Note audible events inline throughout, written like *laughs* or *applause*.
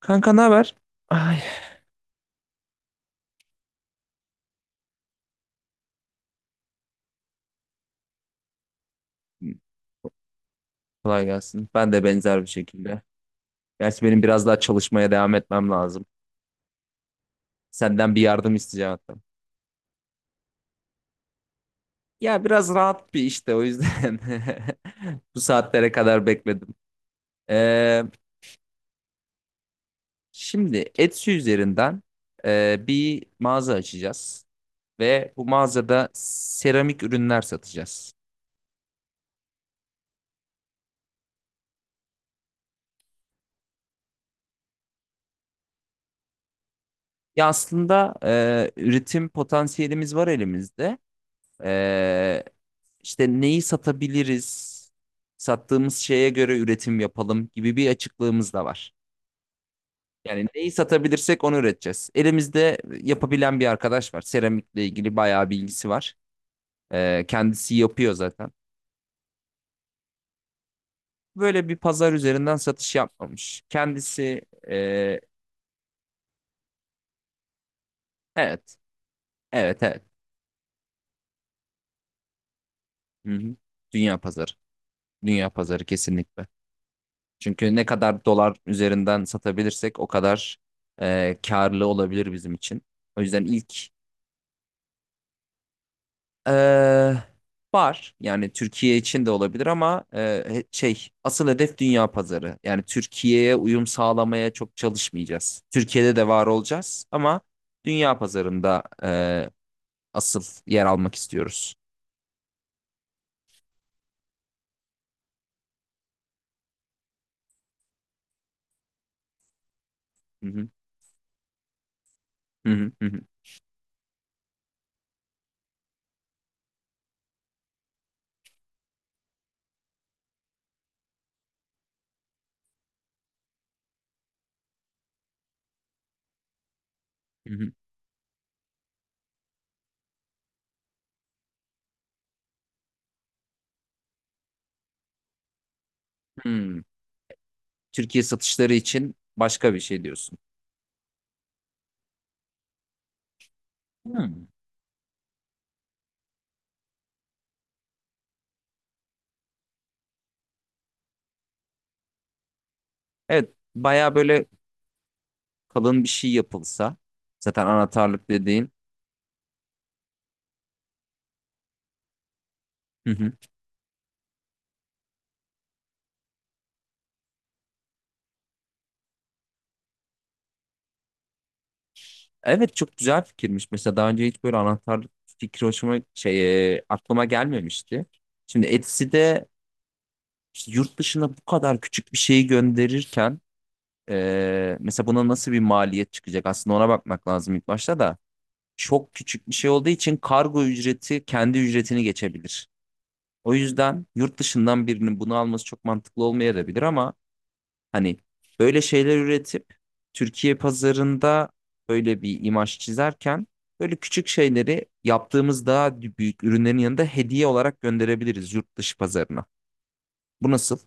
Kanka ne haber? Ay, kolay gelsin. Ben de benzer bir şekilde. Gerçi benim biraz daha çalışmaya devam etmem lazım. Senden bir yardım isteyeceğim hatta. Ya biraz rahat bir işte o yüzden *laughs* bu saatlere kadar bekledim. Ee, şimdi Etsy üzerinden bir mağaza açacağız ve bu mağazada seramik ürünler satacağız. Ya aslında, üretim potansiyelimiz var elimizde. E, İşte neyi satabiliriz, sattığımız şeye göre üretim yapalım gibi bir açıklığımız da var. Yani neyi satabilirsek onu üreteceğiz. Elimizde yapabilen bir arkadaş var. Seramikle ilgili bayağı bilgisi var. Kendisi yapıyor zaten. Böyle bir pazar üzerinden satış yapmamış. Kendisi, e, evet, evet, evet. Hı hı. Dünya pazarı. Dünya pazarı kesinlikle. Çünkü ne kadar dolar üzerinden satabilirsek o kadar karlı olabilir bizim için. O yüzden ilk... Ee, var yani Türkiye için de olabilir ama, şey asıl hedef dünya pazarı. Yani Türkiye'ye uyum sağlamaya çok çalışmayacağız. Türkiye'de de var olacağız ama dünya pazarında asıl yer almak istiyoruz. Hı hı, hı hı, hı hı, hı hı. Hmm. Türkiye satışları için başka bir şey diyorsun. Hmm. Evet, baya böyle kalın bir şey yapılsa zaten anahtarlık dediğin. Evet, çok güzel fikirmiş. Mesela daha önce hiç böyle anahtarlık fikri aklıma gelmemişti. Şimdi Etsy'de işte yurt dışına bu kadar küçük bir şeyi gönderirken mesela buna nasıl bir maliyet çıkacak? Aslında ona bakmak lazım ilk başta da. Çok küçük bir şey olduğu için kargo ücreti kendi ücretini geçebilir. O yüzden yurt dışından birinin bunu alması çok mantıklı olmayabilir ama hani böyle şeyler üretip Türkiye pazarında böyle bir imaj çizerken böyle küçük şeyleri yaptığımız daha büyük ürünlerin yanında hediye olarak gönderebiliriz yurt dışı pazarına. Bu nasıl?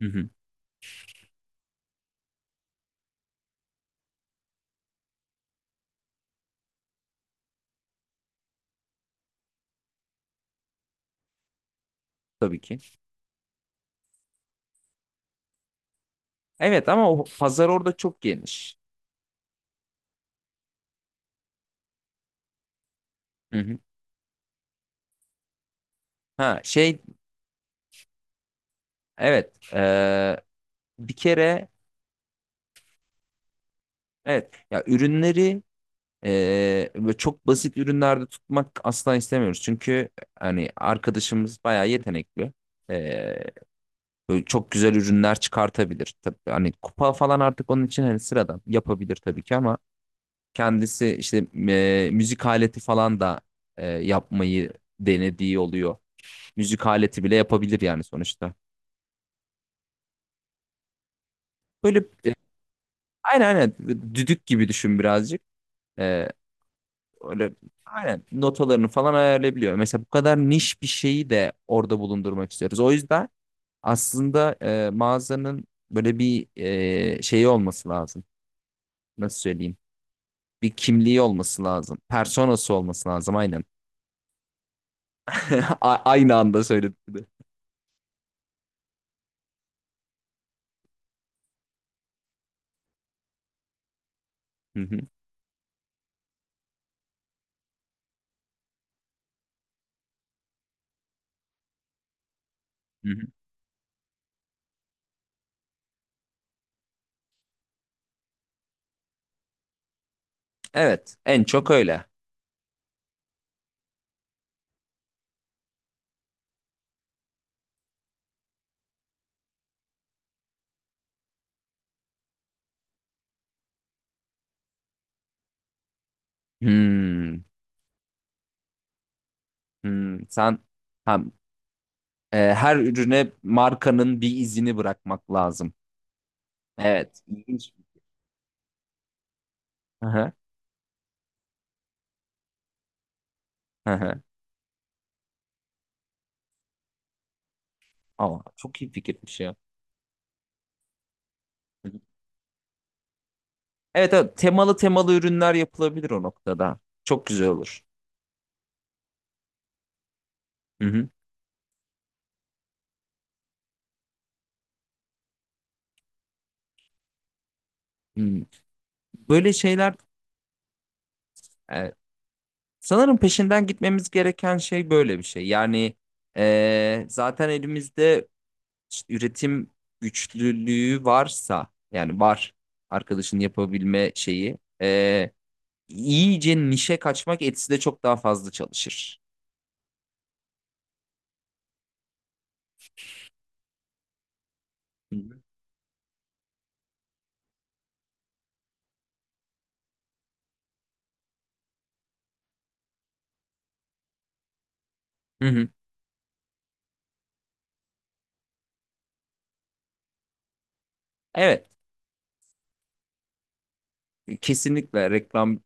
Hı hı. Tabii ki. Evet ama o pazar orada çok geniş. Hı hı. Ha şey, evet, bir kere evet, ya ürünleri böyle çok basit ürünlerde tutmak asla istemiyoruz. Çünkü hani arkadaşımız bayağı yetenekli. Eee, Böyle çok güzel ürünler çıkartabilir. Tabii hani kupa falan artık onun için hani sıradan yapabilir tabii ki ama kendisi işte müzik aleti falan da yapmayı denediği oluyor. Müzik aleti bile yapabilir yani sonuçta. Böyle, e, aynen aynen düdük gibi düşün birazcık. E, öyle aynen notalarını falan ayarlayabiliyor. Mesela bu kadar niş bir şeyi de orada bulundurmak istiyoruz. O yüzden aslında mağazanın böyle bir şeyi olması lazım. Nasıl söyleyeyim? Bir kimliği olması lazım. Personası olması lazım aynen. *laughs* Aynı anda söyledim, bir de. Hı hı, hı hı. Evet, en çok öyle. Hmm, hmm. Hem her ürüne markanın bir izini bırakmak lazım. Evet, ilginç. Hı hı, hı hı. Ama çok iyi fikirmiş ya. Hı hı. Evet, evet, temalı temalı ürünler yapılabilir o noktada. Çok güzel olur. Hı hı. Hmm. Böyle şeyler, e, Sanırım peşinden gitmemiz gereken şey böyle bir şey. Yani zaten elimizde işte üretim güçlülüğü varsa yani var arkadaşın yapabilme şeyi iyice nişe kaçmak Etsy'de çok daha fazla çalışır. Hı hı. Hı hı. Evet, kesinlikle reklam,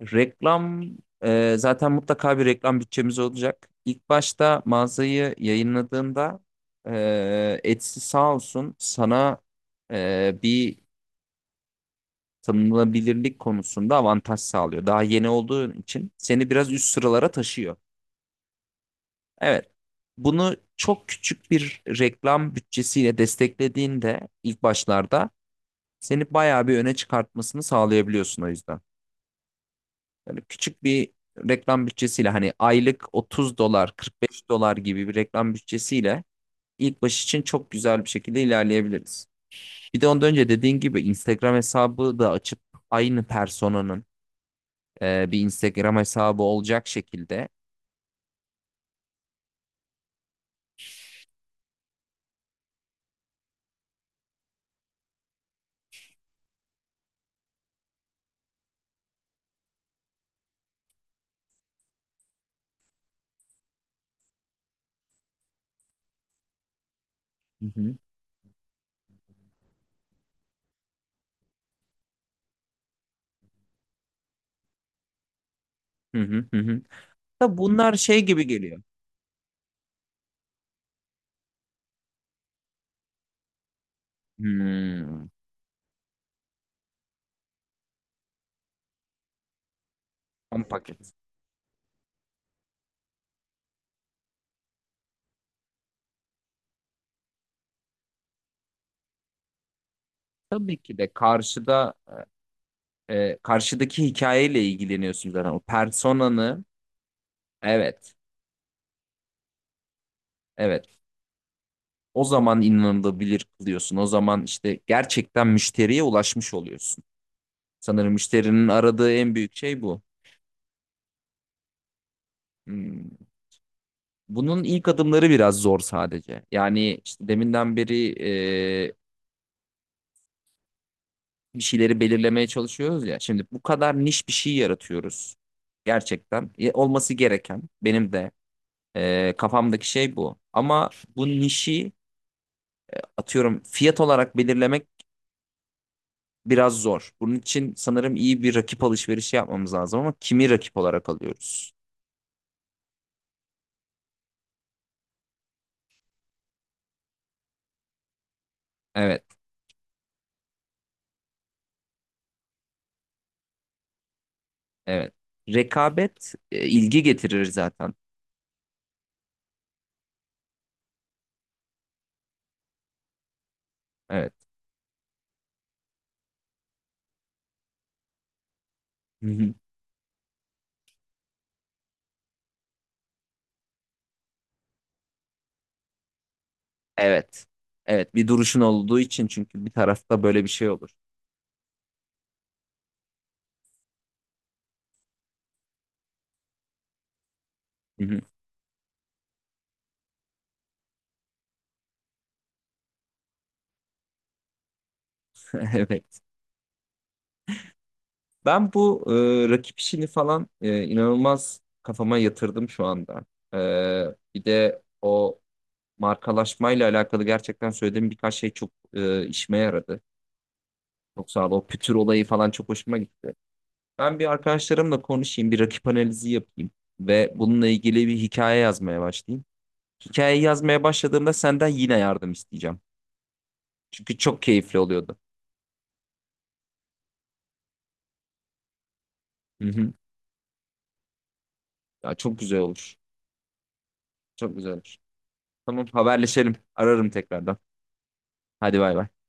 reklam, zaten mutlaka bir reklam bütçemiz olacak. İlk başta mağazayı yayınladığında Etsy sağ olsun sana bir tanınabilirlik konusunda avantaj sağlıyor. Daha yeni olduğun için seni biraz üst sıralara taşıyor. Evet. Bunu çok küçük bir reklam bütçesiyle desteklediğinde ilk başlarda seni bayağı bir öne çıkartmasını sağlayabiliyorsun o yüzden. Böyle küçük bir reklam bütçesiyle hani aylık 30 dolar, 45 dolar gibi bir reklam bütçesiyle ilk baş için çok güzel bir şekilde ilerleyebiliriz. Bir de ondan önce dediğin gibi Instagram hesabı da açıp aynı personanın bir Instagram hesabı olacak şekilde. Hı hı. Hı hı hı. Hı. Da bunlar şey gibi geliyor. Hmm, tam paket. Tabii ki de karşıdaki hikayeyle ilgileniyorsun zaten. O personanı evet. Evet. O zaman inanılabilir kılıyorsun. O zaman işte gerçekten müşteriye ulaşmış oluyorsun. Sanırım müşterinin aradığı en büyük şey bu. Hmm. Bunun ilk adımları biraz zor sadece. Yani işte deminden beri e, bir şeyleri belirlemeye çalışıyoruz ya. Şimdi bu kadar niş bir şey yaratıyoruz. Gerçekten, olması gereken benim de kafamdaki şey bu. Ama bu nişi atıyorum fiyat olarak belirlemek biraz zor. Bunun için sanırım iyi bir rakip alışverişi yapmamız lazım ama kimi rakip olarak alıyoruz? Evet, evet. Rekabet, ilgi getirir zaten. Evet. Hı hı. Evet. Evet, bir duruşun olduğu için çünkü bir tarafta böyle bir şey olur. Hı hı. *laughs* Evet. Ben bu rakip işini falan inanılmaz kafama yatırdım şu anda. E, bir de o markalaşmayla alakalı gerçekten söylediğim birkaç şey çok işime yaradı. Çok sağ ol. O pütür olayı falan çok hoşuma gitti. Ben bir arkadaşlarımla konuşayım, bir rakip analizi yapayım ve bununla ilgili bir hikaye yazmaya başlayayım. Hikayeyi yazmaya başladığımda senden yine yardım isteyeceğim. Çünkü çok keyifli oluyordu. Hı hı. Ya çok güzel olur. Çok güzel olur. Tamam, haberleşelim. Ararım tekrardan. Hadi bay bay.